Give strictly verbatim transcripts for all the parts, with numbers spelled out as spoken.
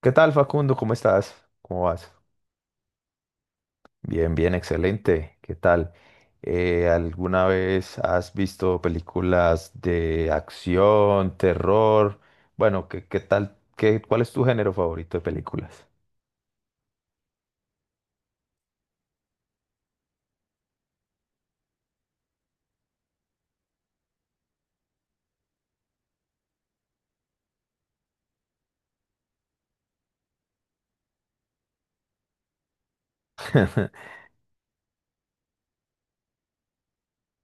¿Qué tal, Facundo? ¿Cómo estás? ¿Cómo vas? Bien, bien, excelente. ¿Qué tal? Eh, ¿alguna vez has visto películas de acción, terror? Bueno, ¿qué, qué tal? ¿Qué, ¿cuál es tu género favorito de películas?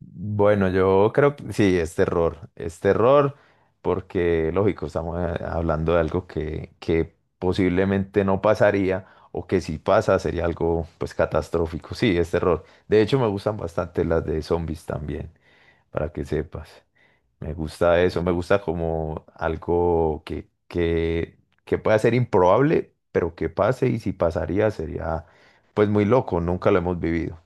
Bueno, yo creo que sí, es terror. Es terror porque, lógico, estamos eh, hablando de algo que, que posiblemente no pasaría o que si pasa sería algo pues catastrófico. Sí, es terror. De hecho, me gustan bastante las de zombies también, para que sepas. Me gusta eso, me gusta como algo que, que, que pueda ser improbable, pero que pase y si pasaría sería pues muy loco, nunca lo hemos vivido.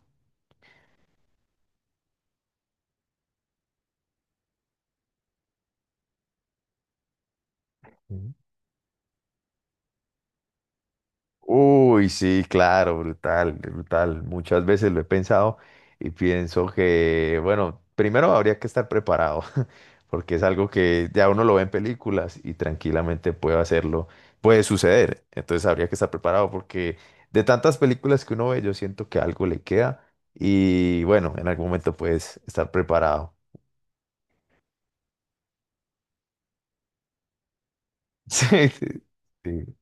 Uy, sí, claro, brutal, brutal. Muchas veces lo he pensado y pienso que, bueno, primero habría que estar preparado, porque es algo que ya uno lo ve en películas y tranquilamente puede hacerlo, puede suceder. Entonces habría que estar preparado porque de tantas películas que uno ve, yo siento que algo le queda y bueno, en algún momento puedes estar preparado. Sí, sí, sí.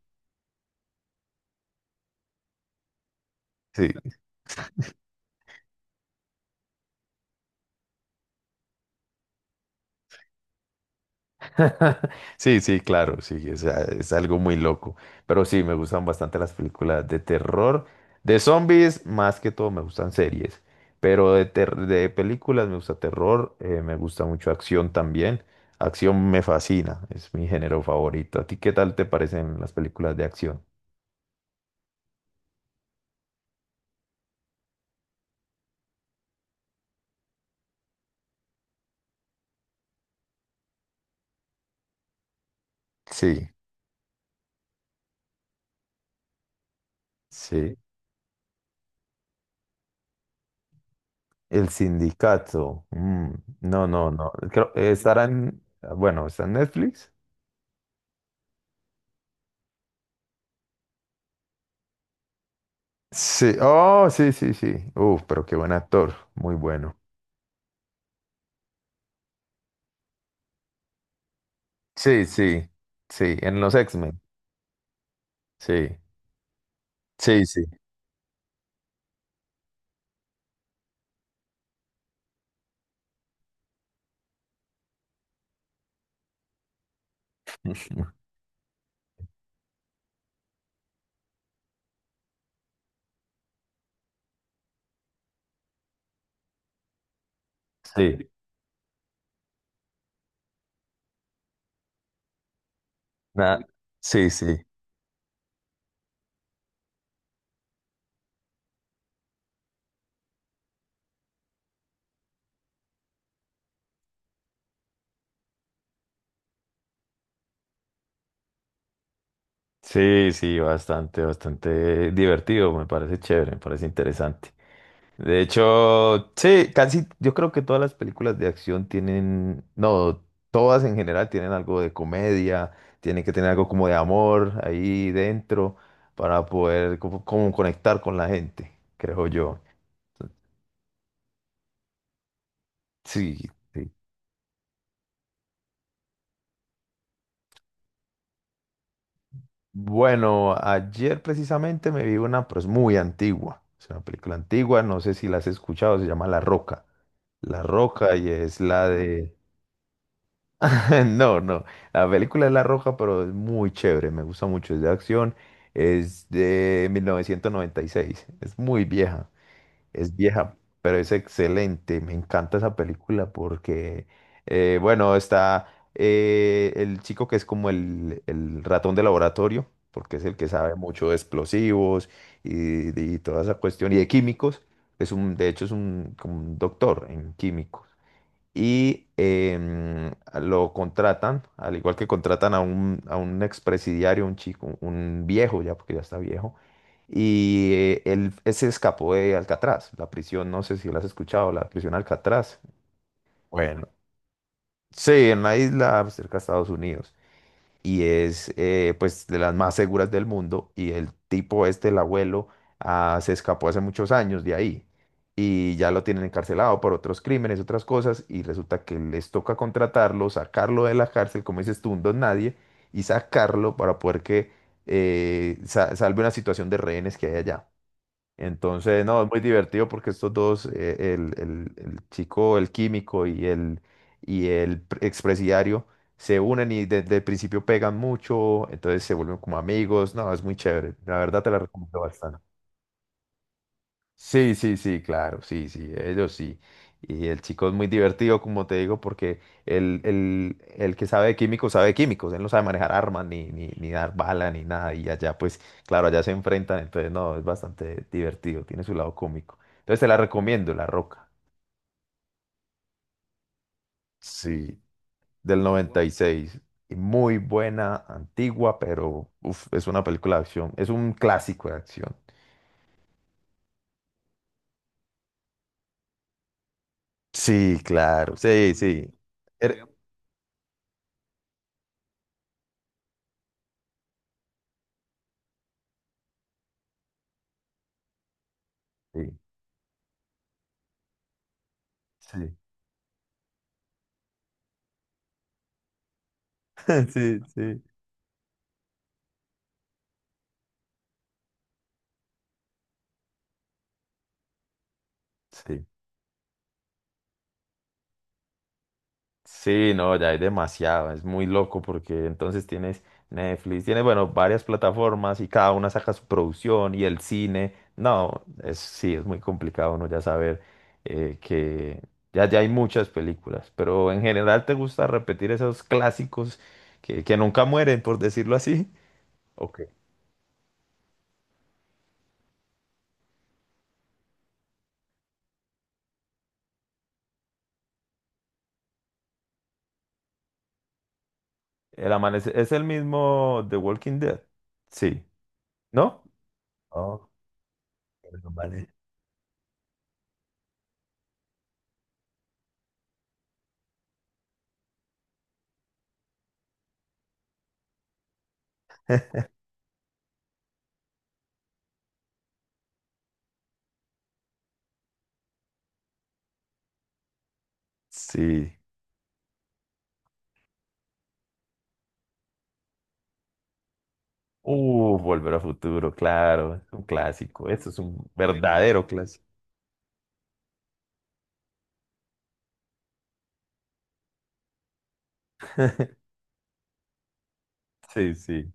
Sí. Sí, sí, claro, sí, o sea, es algo muy loco. Pero sí, me gustan bastante las películas de terror. De zombies, más que todo, me gustan series. Pero de, ter- de películas me gusta terror, eh, me gusta mucho acción también. Acción me fascina, es mi género favorito. ¿A ti qué tal te parecen las películas de acción? Sí, sí. El sindicato. mm, no, no, no. Creo- eh, estarán, bueno, está en Netflix. Sí, oh, sí, sí, sí. Uf, pero qué buen actor, muy bueno. Sí, sí, sí, en los X-Men. Sí, sí, sí. Sí, na- sí, sí. Sí, sí, bastante, bastante divertido, me parece chévere, me parece interesante. De hecho, sí, casi yo creo que todas las películas de acción tienen, no, todas en general tienen algo de comedia, tienen que tener algo como de amor ahí dentro para poder como, como conectar con la gente, creo yo. Sí, sí. Bueno, ayer precisamente me vi una, pero es muy antigua, es una película antigua, no sé si la has escuchado, se llama La Roca. La Roca y es la de... No, no. La película es La Roja, pero es muy chévere. Me gusta mucho. Es de acción. Es de mil novecientos noventa y seis. Es muy vieja. Es vieja, pero es excelente. Me encanta esa película porque, eh, bueno, está eh, el chico que es como el, el ratón de laboratorio, porque es el que sabe mucho de explosivos y, y toda esa cuestión, y de químicos. Es un, de hecho, es un, como un doctor en químicos y em, lo contratan, al igual que contratan a un, a un expresidiario, un chico, un viejo ya, porque ya está viejo, y eh, él se escapó de Alcatraz, la prisión, no sé si lo has escuchado, la prisión Alcatraz. Bueno, sí, en la isla cerca de Estados Unidos y es eh, pues de las más seguras del mundo y el tipo este, el abuelo, ah, se escapó hace muchos años de ahí y ya lo tienen encarcelado por otros crímenes, otras cosas y resulta que les toca contratarlo, sacarlo de la cárcel, como dices tú, un don nadie y sacarlo para poder que eh, sa- salve una situación de rehenes que hay allá. Entonces, no, es muy divertido porque estos dos, eh, el, el- el chico, el químico y el, y el pr- expresidiario, se unen y desde el principio pegan mucho, entonces se vuelven como amigos. No, es muy chévere. La verdad te la recomiendo bastante. Sí, sí, sí, claro, sí, sí, ellos sí. Y el chico es muy divertido, como te digo, porque el, el, el que sabe de químicos sabe de químicos, él no sabe manejar armas, ni, ni, ni dar bala, ni nada. Y allá, pues, claro, allá se enfrentan, entonces, no, es bastante divertido, tiene su lado cómico. Entonces, te la recomiendo, La Roca. Sí, del noventa y seis. Y seis. Y muy buena, antigua, pero uf, es una película de acción, es un clásico de acción. Sí, claro, sí, sí. Er- sí, sí. Sí, sí. Sí. Sí, no, ya hay demasiado, es muy loco porque entonces tienes Netflix, tienes, bueno, varias plataformas y cada una saca su producción y el cine. No, es, sí, es muy complicado uno ya saber eh, que ya, ya hay muchas películas, pero en general te gusta repetir esos clásicos que, que nunca mueren, por decirlo así. Ok. El amanecer es el mismo The Walking Dead. Sí, ¿no? Oh, bueno, vale. Sí. Uh, Volver a Futuro, claro, es un clásico, eso es un verdadero clásico. Sí, sí.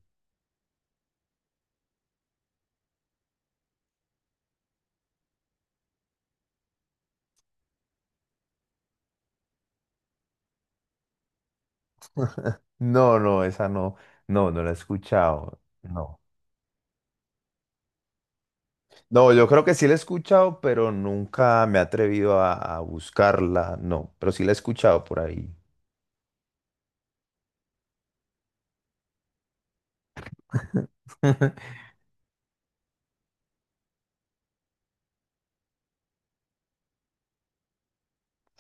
No, no, esa no, no, no la he escuchado, no. No, yo creo que sí la he escuchado, pero nunca me he atrevido a, a buscarla, no, pero sí la he escuchado por ahí.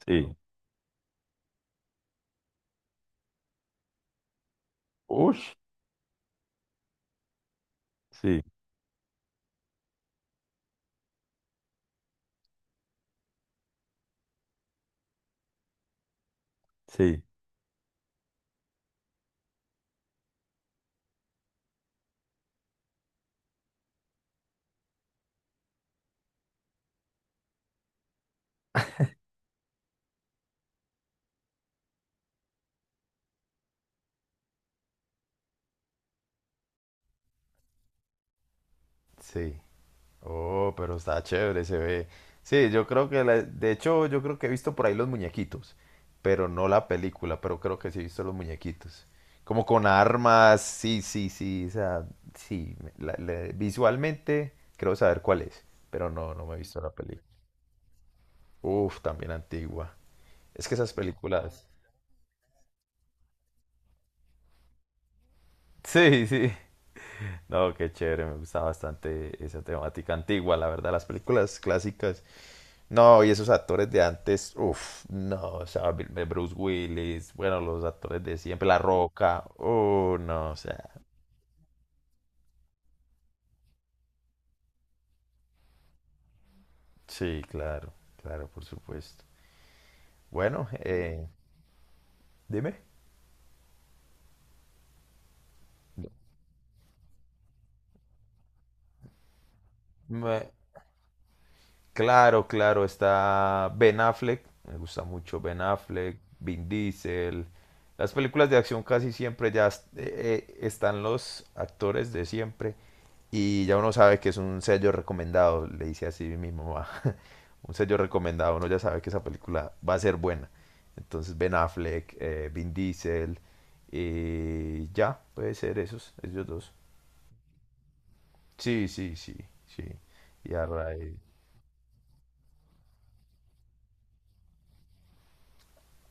Sí. Ush. Sí, sí, sí. Oh, pero está chévere, se ve. Sí, yo creo que, la- de hecho, yo creo que he visto por ahí los muñequitos, pero no la película, pero creo que sí he visto los muñequitos. Como con armas, sí, sí, sí, o sea, sí, me- la- le- visualmente creo saber cuál es, pero no, no me he visto la película. Uf, también antigua. Es que esas películas... Sí, sí. No, qué chévere, me gusta bastante esa temática antigua, la verdad, las películas clásicas. No, y esos actores de antes, uff, no, o sea, Bill- eh, Bruce Willis, bueno, los actores de siempre, La Roca, oh, no, o sea, sí, claro, claro, por supuesto. Bueno, eh, dime. Me- Claro, claro, está Ben Affleck, me gusta mucho Ben Affleck, Vin Diesel. Las películas de acción casi siempre ya est- eh, eh, están los actores de siempre y ya uno sabe que es un sello recomendado, le dice así mi mamá. Un sello recomendado, uno ya sabe que esa película va a ser buena. Entonces Ben Affleck, eh, Vin Diesel, y ya, puede ser esos, ellos dos. Sí, sí, sí, sí. Y a raíz-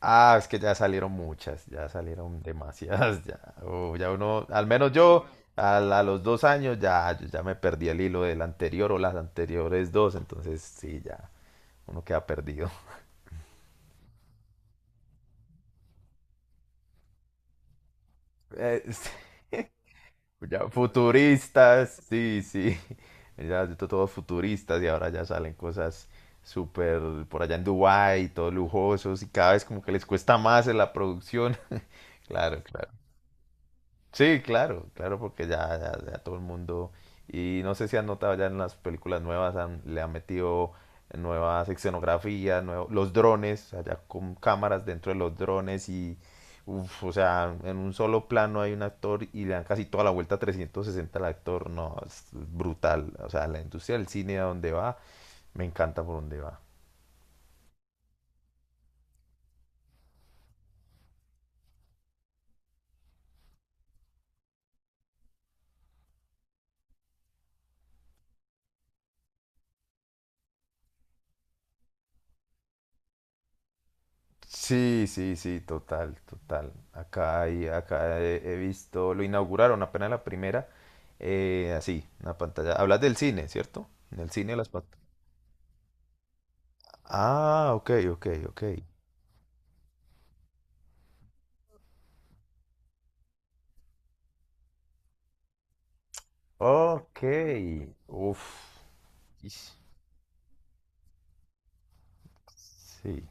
Ah, es que ya salieron muchas, ya salieron demasiadas, ya. Oh, ya uno, al menos yo, a, la- a los dos años ya, yo ya me perdí el hilo del anterior o las anteriores dos, entonces sí, ya, uno queda perdido. Eh, Ya, futuristas, sí, sí. Ya, to- todos futuristas y ahora ya salen cosas súper por allá en Dubái, todos lujosos y cada vez como que les cuesta más en la producción. Claro, claro. Sí, claro, claro, porque ya, ya, ya todo el mundo, y no sé si han notado ya en las películas nuevas, han- le han metido nuevas escenografías, nuevo- los drones, allá con cámaras dentro de los drones y, uf, o sea, en un solo plano hay un actor y le dan casi toda la vuelta trescientos sesenta al actor, no, es brutal, o sea, la industria del cine a donde va, me encanta por donde va. Sí, sí, sí, total, total. Acá, hay- acá he, he visto, lo inauguraron apenas la primera, eh, así, una pantalla. Hablas del cine, ¿cierto? En el cine las pantallas. Ah, ok, ok, ok. Ok, uf. Ish, sí,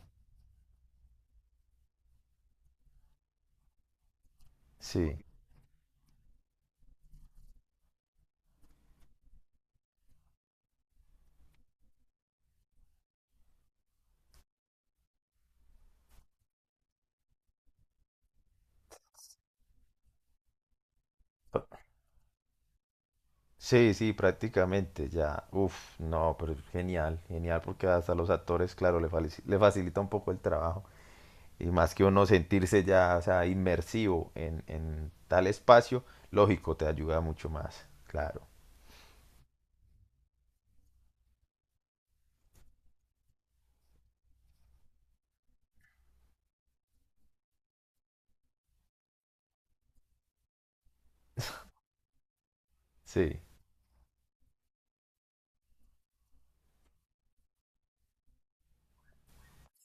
sí. Sí, sí, prácticamente ya. Uf, no, pero genial, genial, porque hasta los actores, claro, le, fali- le facilita un poco el trabajo. Y más que uno sentirse ya, o sea, inmersivo en, en tal espacio, lógico, te ayuda mucho más, claro. Sí,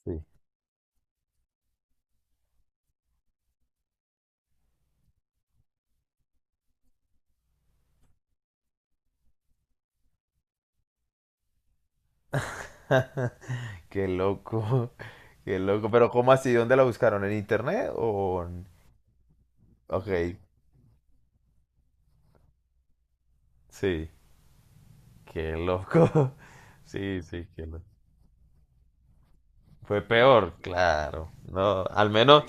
sí. Qué loco, qué loco. Pero ¿cómo así? ¿Dónde la buscaron? ¿En internet o...? en- Ok, sí, qué loco. Sí, sí, qué loco. Fue peor, claro. No, al menos,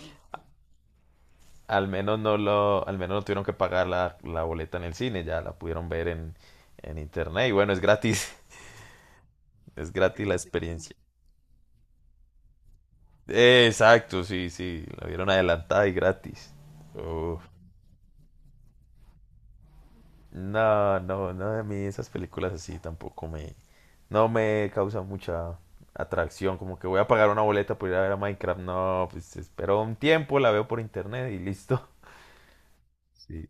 al menos no lo, al menos no tuvieron que pagar la, la boleta en el cine, ya la pudieron ver en, en internet. Y bueno, es gratis, es gratis la experiencia. Eh, Exacto, sí, sí. La vieron adelantada y gratis. Uf. No, no, no, a mí esas películas así tampoco me... No me causan mucha atracción. Como que voy a pagar una boleta por ir a ver a Minecraft. No, pues espero un tiempo, la veo por internet y listo. Sí.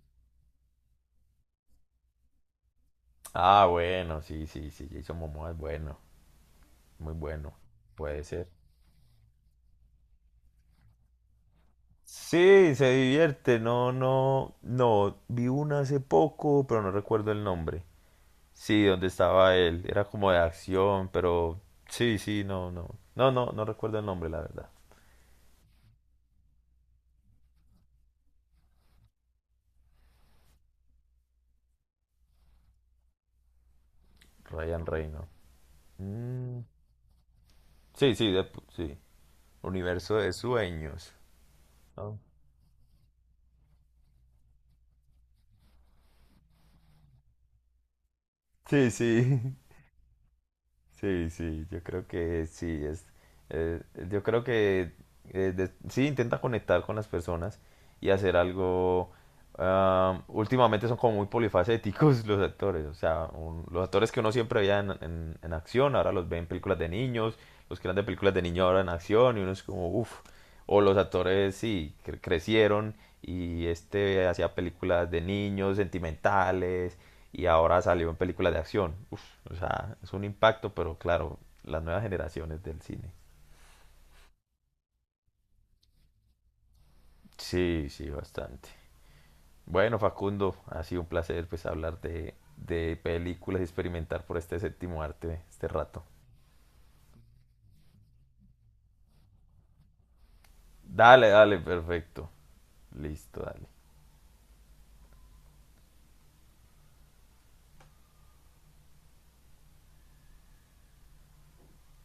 Ah, bueno, sí, sí, sí. Jason Momoa es bueno, muy bueno. Puede ser. Sí, se divierte. No, no, no. Vi una hace poco, pero no recuerdo el nombre. Sí, donde estaba él. Era como de acción, pero sí, sí, no, no. No, no, no recuerdo el nombre, la verdad. Ryan Reynolds. Mm, Sí, sí, de- sí. Universo de sueños. ¿No? Sí, sí. Sí, sí, yo creo que sí, es, eh, yo creo que eh, de- sí intenta conectar con las personas y hacer algo. Ah, últimamente son como muy polifacéticos los actores, o sea, un- los actores que uno siempre veía en, en- en acción, ahora los ve en películas de niños, los que eran de películas de niños ahora en acción y uno es como, uff, o los actores sí, cre- crecieron y este hacía películas de niños, sentimentales y ahora salió en películas de acción. Uf, o sea, es un impacto, pero claro, las nuevas generaciones del cine. Sí, sí, bastante. Bueno, Facundo, ha sido un placer pues hablar de, de películas y experimentar por este séptimo arte este rato. Dale, dale, perfecto. Listo, dale.